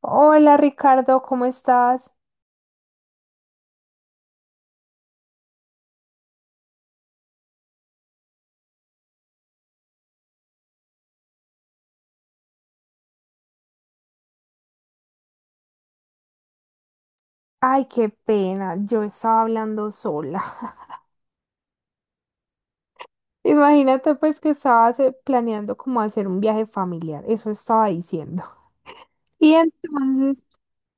Hola Ricardo, ¿cómo estás? Ay, qué pena, yo estaba hablando sola. Imagínate pues que estabas planeando como hacer un viaje familiar, eso estaba diciendo. Y entonces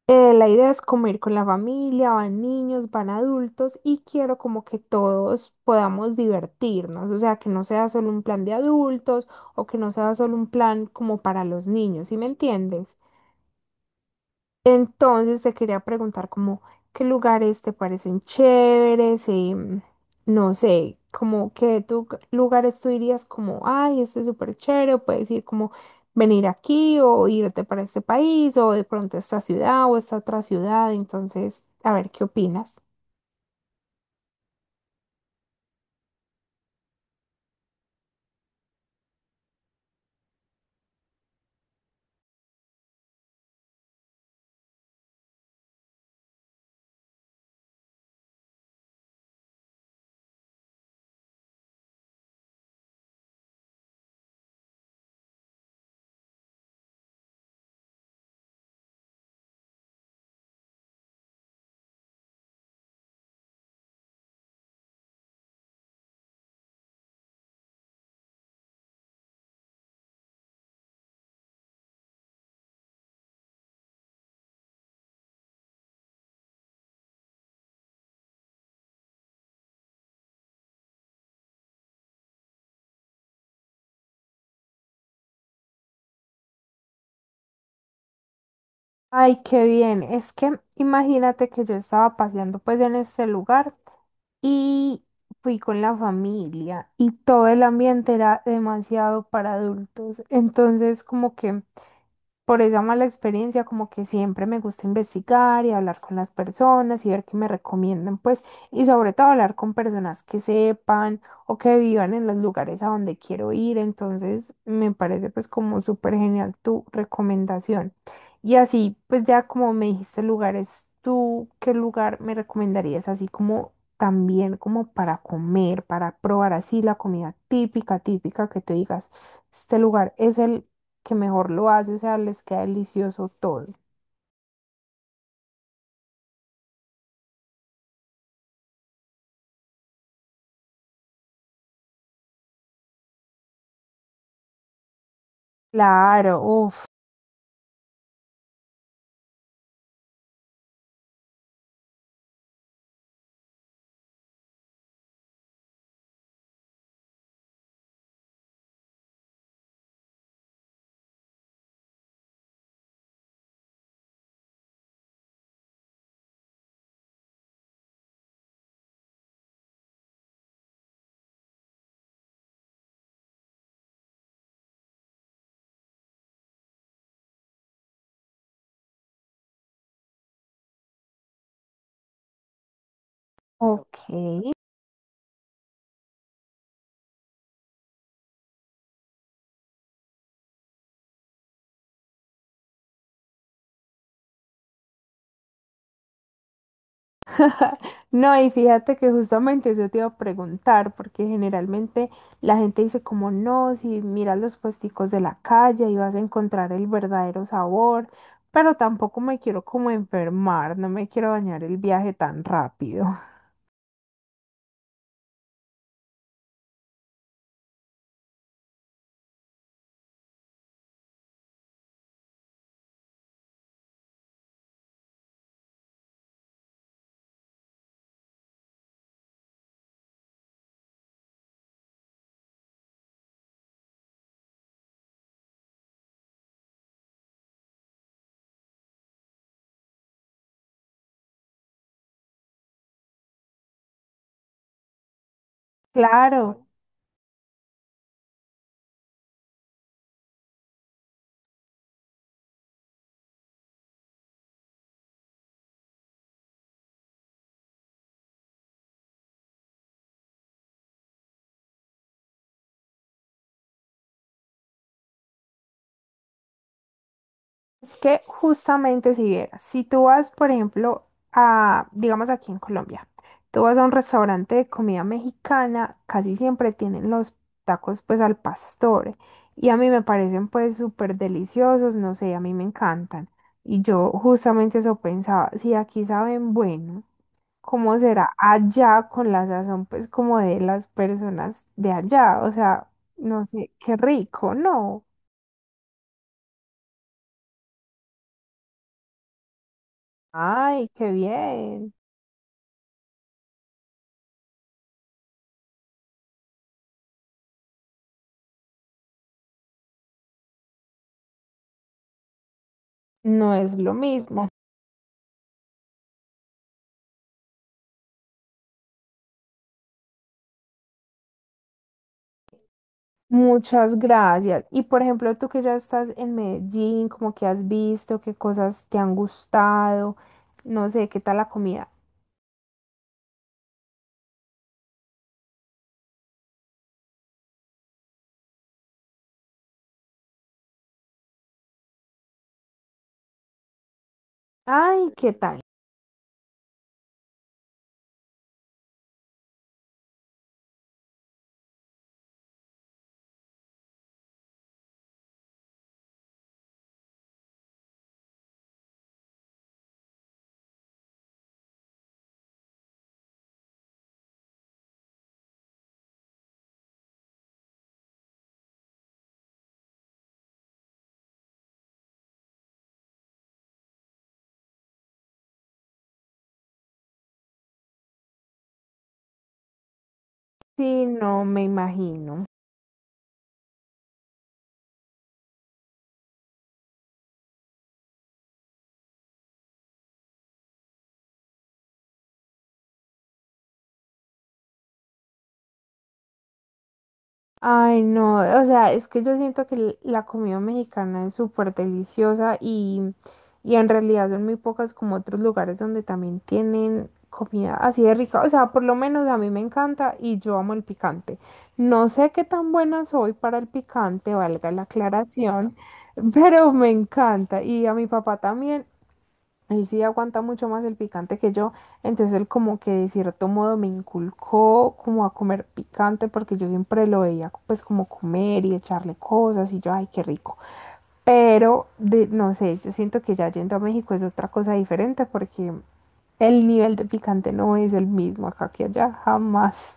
la idea es como ir con la familia, van niños, van adultos y quiero como que todos podamos divertirnos, o sea, que no sea solo un plan de adultos o que no sea solo un plan como para los niños, ¿sí me entiendes? Entonces te quería preguntar como qué lugares te parecen chéveres y no sé, como lugares tú dirías como, ay, este es súper chévere, o puedes ir como venir aquí o irte para este país o de pronto a esta ciudad o esta otra ciudad. Entonces, a ver, ¿qué opinas? Ay, qué bien. Es que imagínate que yo estaba paseando pues en este lugar y fui con la familia y todo el ambiente era demasiado para adultos. Entonces como que por esa mala experiencia, como que siempre me gusta investigar y hablar con las personas y ver qué me recomiendan, pues, y sobre todo hablar con personas que sepan o que vivan en los lugares a donde quiero ir. Entonces, me parece pues como súper genial tu recomendación. Y así, pues ya como me dijiste lugares, ¿tú qué lugar me recomendarías así como también como para comer, para probar así la comida típica, típica que te digas, este lugar es el que mejor lo hace, o sea, les queda delicioso todo. Claro, uff, ok. No, y fíjate que justamente eso te iba a preguntar, porque generalmente la gente dice como no, si miras los puesticos de la calle y vas a encontrar el verdadero sabor, pero tampoco me quiero como enfermar, no me quiero bañar el viaje tan rápido. Claro. Es que justamente si vieras, si tú vas, por ejemplo, a, digamos aquí en Colombia, tú vas a un restaurante de comida mexicana, casi siempre tienen los tacos pues al pastor y a mí me parecen pues súper deliciosos, no sé, a mí me encantan. Y yo justamente eso pensaba, si aquí saben bueno, ¿cómo será allá con la sazón pues como de las personas de allá? O sea, no sé, qué rico, ¿no? Ay, qué bien. No es lo mismo. Muchas gracias. Y por ejemplo, tú que ya estás en Medellín, como que has visto, qué cosas te han gustado, no sé, qué tal la comida. Ay, qué tal. Sí, no me imagino. Ay, no, o sea, es que yo siento que l- la comida mexicana es súper deliciosa y en realidad son muy pocas como otros lugares donde también tienen comida así de rica. O sea, por lo menos a mí me encanta y yo amo el picante. No sé qué tan buena soy para el picante, valga la aclaración, pero me encanta. Y a mi papá también, él sí aguanta mucho más el picante que yo. Entonces él como que de cierto modo me inculcó como a comer picante porque yo siempre lo veía pues como comer y echarle cosas y yo, ay, qué rico. Pero de, no sé, yo siento que ya yendo a México es otra cosa diferente porque el nivel de picante no es el mismo acá que allá, jamás.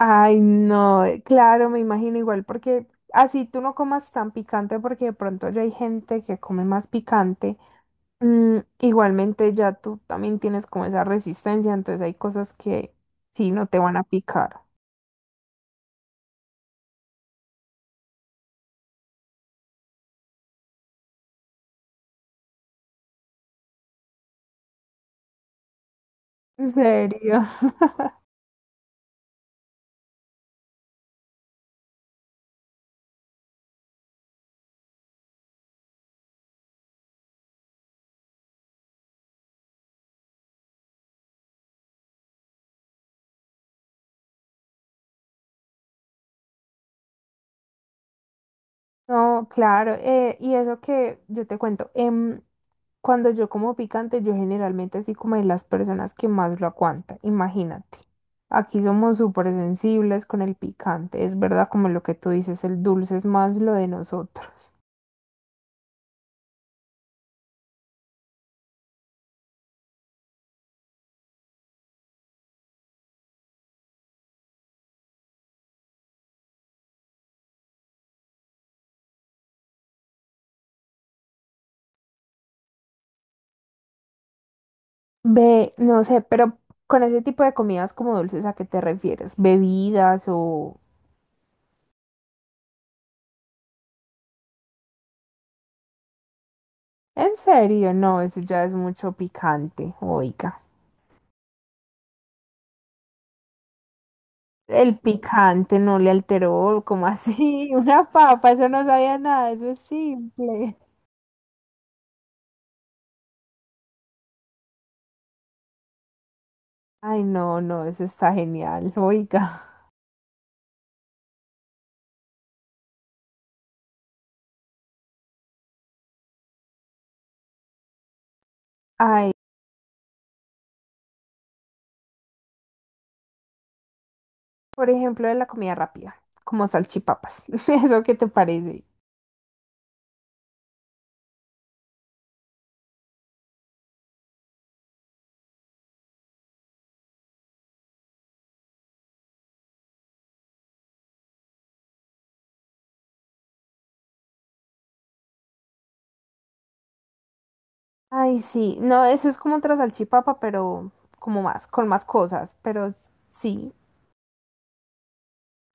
Ay, no, claro, me imagino igual, porque así tú no comas tan picante, porque de pronto ya hay gente que come más picante. Igualmente ya tú también tienes como esa resistencia, entonces hay cosas que sí no te van a picar. ¿En serio? No, claro, y eso que yo te cuento, cuando yo como picante, yo generalmente así como de las personas que más lo aguantan, imagínate. Aquí somos súper sensibles con el picante, es verdad como lo que tú dices, el dulce es más lo de nosotros. Ve, no sé, pero con ese tipo de comidas como dulces, ¿a qué te refieres? ¿Bebidas o...? En serio, no, eso ya es mucho picante, oiga. ¿El picante no le alteró, como así? Una papa, eso no sabía nada, eso es simple. Ay, no, no, eso está genial, oiga. Ay, por ejemplo, de la comida rápida, como salchipapas. ¿Eso qué te parece? Ay, sí, no, eso es como otra salchipapa, pero como más, con más cosas, pero sí.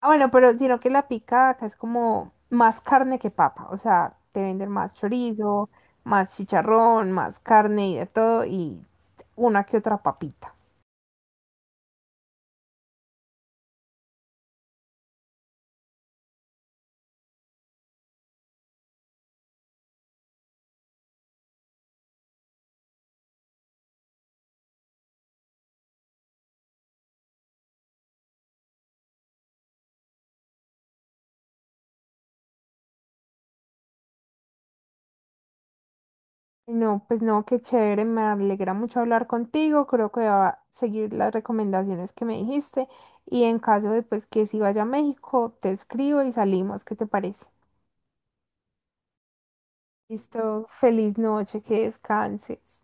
Ah, bueno, pero sino que la pica acá es como más carne que papa, o sea, te venden más chorizo, más chicharrón, más carne y de todo, y una que otra papita. No, pues no, qué chévere, me alegra mucho hablar contigo, creo que voy a seguir las recomendaciones que me dijiste, y en caso de pues que si vaya a México, te escribo y salimos, ¿qué te parece? Listo, feliz noche, que descanses.